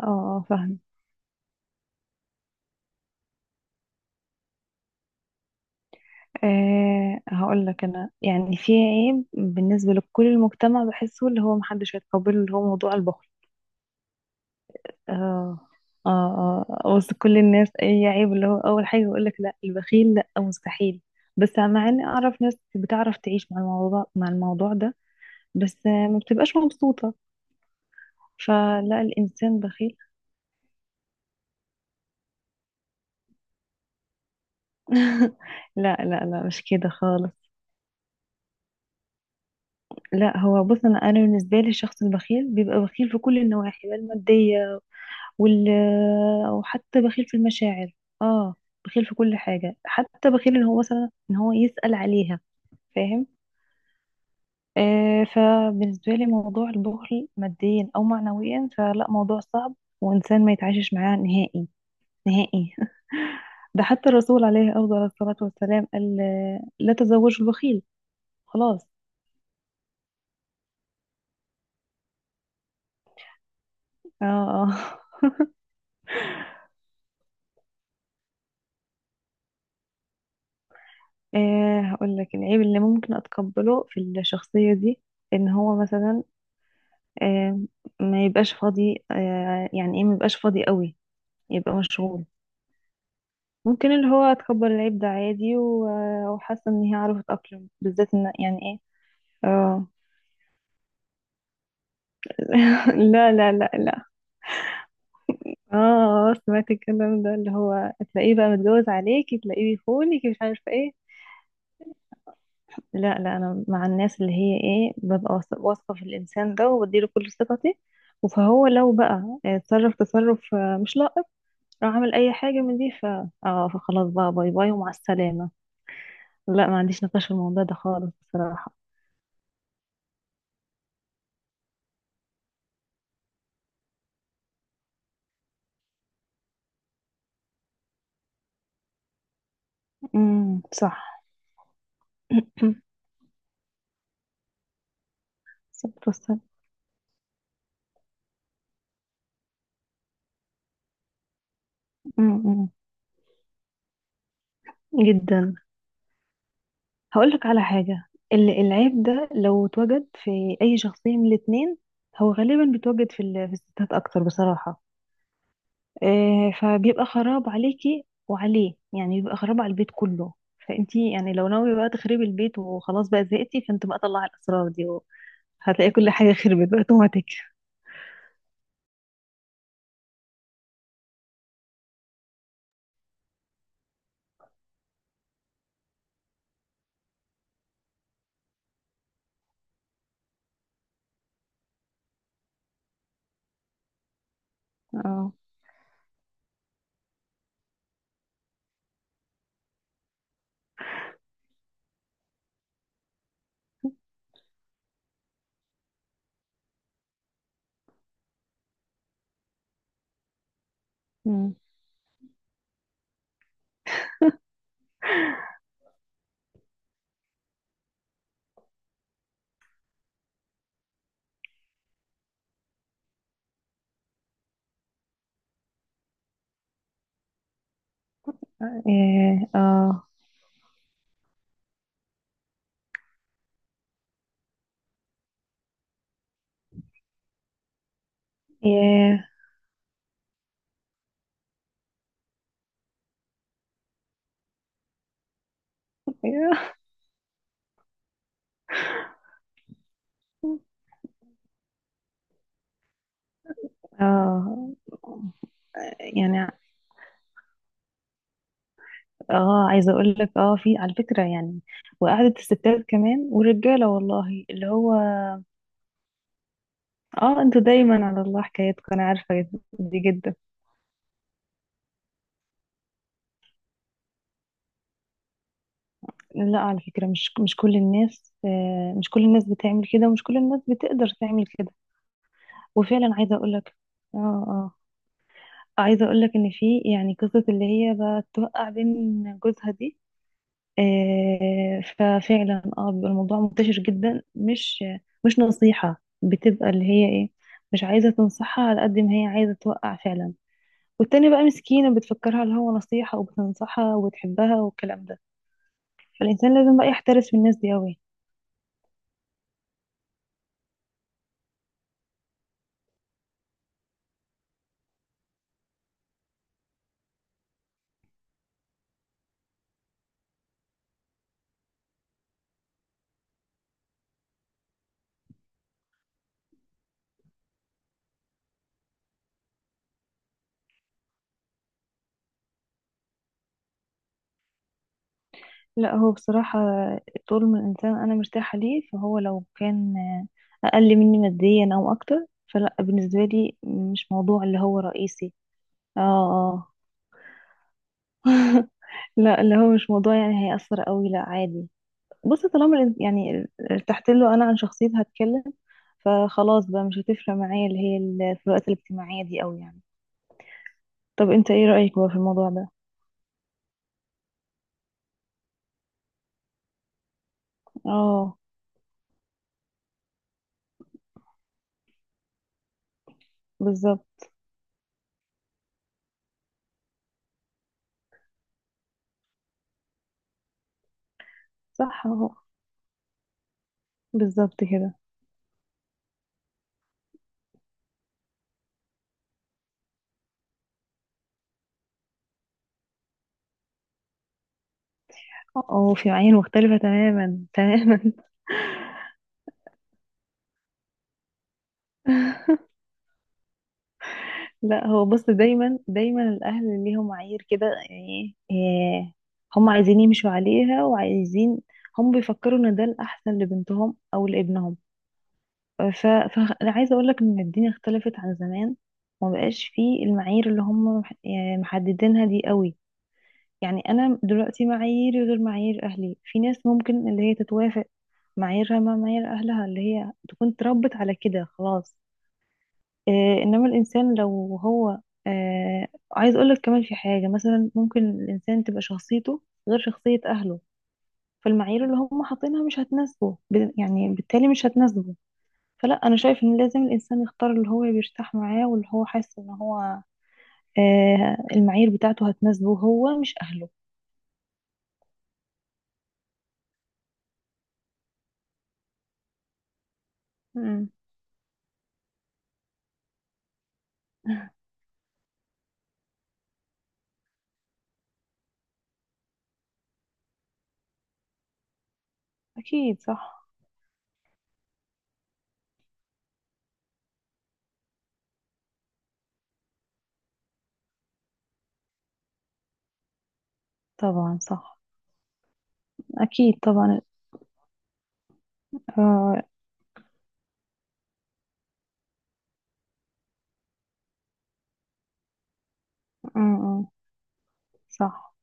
اه، فاهم. هقول لك انا يعني في عيب بالنسبه لكل المجتمع بحسه اللي هو محدش هيتقبله اللي هو موضوع البخل. اه، اه، اه، وسط كل الناس اي عيب اللي هو اول حاجه يقول لك لا البخيل لا مستحيل. بس مع اني اعرف ناس بتعرف تعيش مع الموضوع ده. بس ما بتبقاش مبسوطه. فلا الانسان بخيل. لا، لا، لا، مش كده خالص. لا، هو بص، انا بالنسبه لي الشخص البخيل بيبقى بخيل في كل النواحي بقى الماديه وال آه، وحتى بخيل في المشاعر. اه، بخيل في كل حاجة حتى بخيل ان هو مثلا ان هو يسأل عليها. فاهم. فبالنسبة لي موضوع البخل ماديا او معنويا فلا موضوع صعب، وانسان ما يتعايشش معاه نهائي. نهائي. ده حتى الرسول عليه افضل الصلاة والسلام قال لا تزوجوا البخيل. خلاص. اه، اه. هقول لك العيب اللي ممكن اتقبله في الشخصية دي ان هو مثلا آه، ما يبقاش فاضي، يعني ايه، ما يبقاش فاضي قوي، يبقى مشغول. ممكن اللي هو اتقبل العيب ده عادي، وحاسه ان هي عرفت اتأقلم بالذات ان يعني ايه. اه. لا، لا، لا، لا. اه، سمعت الكلام ده اللي هو تلاقيه بقى متجوز عليكي، تلاقيه بيخونك، مش عارفه ايه. لا، لا، انا مع الناس اللي هي ايه، ببقى واثقه في الانسان ده وبديله كل ثقتي. فهو لو بقى تصرف مش لائق، راح اعمل اي حاجه من دي. ف اه فخلاص بقى، باي باي ومع السلامه. لا، ما عنديش نقاش في الموضوع ده خالص بصراحه. صح. صبر وسلام. أمم، جدا. هقول لك على حاجه، العيب ده لو اتوجد في اي شخصيه من الاتنين، هو غالبا بيتوجد في في الستات اكتر بصراحه. فبيبقى خراب عليكي وعليه، يعني بيبقى خراب على البيت كله. فانتي يعني لو ناويه بقى تخربي البيت وخلاص بقى زهقتي، فانت بقى طلعي الاسرار دي، هتلاقي كل حاجة خربت بقى اوتوماتيك. اه. مم. ايه. اه. ايه. اه. يعني. اه، عايزة اقول لك، في على فكرة يعني، وقعدة الستات كمان والرجالة، والله اللي هو. اه، انتوا دايما على الله حكايتكم، انا عارفة دي جدا. لا، على فكرة، مش كل الناس، مش كل الناس بتعمل كده، ومش كل الناس بتقدر تعمل كده. وفعلا عايزة اقول لك، اه عايزة اقولك ان في يعني قصة اللي هي بقى توقع بين جوزها دي. ففعلا بيبقى الموضوع منتشر جدا، مش نصيحة بتبقى اللي هي ايه، مش عايزة تنصحها على قد ما هي عايزة توقع فعلا. والتانية بقى مسكينة، بتفكرها اللي هو نصيحة، وبتنصحها وبتحبها والكلام ده. فالإنسان لازم بقى يحترس من الناس دي أوي. لا، هو بصراحة طول ما الإنسان أنا مرتاحة ليه، فهو لو كان أقل مني ماديا أو أكتر فلا بالنسبة لي مش موضوع اللي هو رئيسي. اه. اه. لا، اللي هو مش موضوع يعني هيأثر قوي، لا، عادي. بص، طالما يعني ارتحت له أنا، عن شخصيتي هتكلم، فخلاص بقى مش هتفرق معايا اللي هي الفروقات الاجتماعية دي قوي يعني. طب أنت إيه رأيك بقى في الموضوع ده؟ اه. بالظبط. صح اهو. بالظبط كده. اه، في معايير مختلفة تماما. تماما. لا، هو بص، دايما دايما الاهل ليهم معايير كده يعني إيه، هم عايزين يمشوا عليها، وعايزين، هم بيفكروا ان ده الاحسن لبنتهم او لابنهم. فانا عايزه اقول لك ان الدنيا اختلفت عن زمان، وما بقاش فيه المعايير اللي هم يعني محددينها دي قوي. يعني انا دلوقتي معاييري غير معايير اهلي، في ناس ممكن اللي هي تتوافق معاييرها مع معايير اهلها، اللي هي تكون اتربت على كده، خلاص. انما الانسان لو هو، عايز اقولك كمان، في حاجه مثلا ممكن الانسان تبقى شخصيته غير شخصيه اهله، فالمعايير اللي هم حاطينها مش هتناسبه، يعني بالتالي مش هتناسبه. فلا انا شايف ان لازم الانسان يختار اللي هو بيرتاح معاه، واللي هو حاسس ان هو المعايير بتاعته هتناسبه، هو مش اهله. مم. اكيد صح. طبعا صح. اكيد طبعا. آه، آه، آه، صح.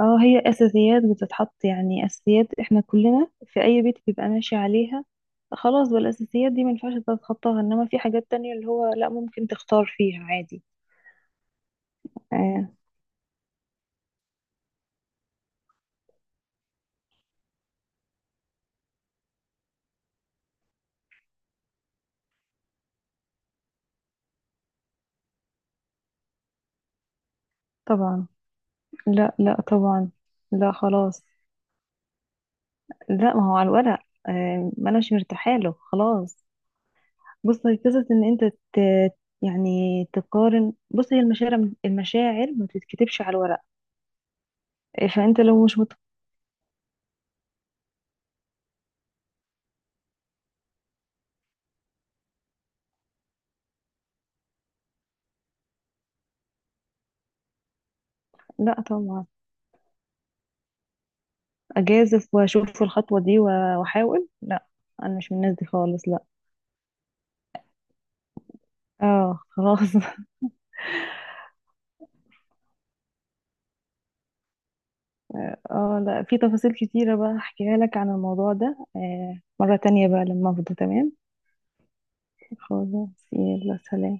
اه، هي اساسيات بتتحط، يعني اساسيات احنا كلنا في اي بيت بيبقى ماشي عليها. خلاص بقى الاساسيات دي ما ينفعش تتخطاها، انما في حاجات تانية اللي هو لا، ممكن تختار فيها عادي. آه، طبعا. لا، لا، طبعا. لا، خلاص. لا، ما هو على الورق. ما انا مش مرتاحه له خلاص. بص، هي قصه ان انت يعني تقارن. بص، هي المشاعر، المشاعر ما تتكتبش على الورق. فانت لو مش لا طبعا، اجازف واشوف الخطوه دي واحاول. لا، انا مش من الناس دي خالص، لا. اه، خلاص. اه، لا، في تفاصيل كتيره بقى احكيها لك عن الموضوع ده، مره تانية بقى لما افضى تمام. خلاص، يلا سلام.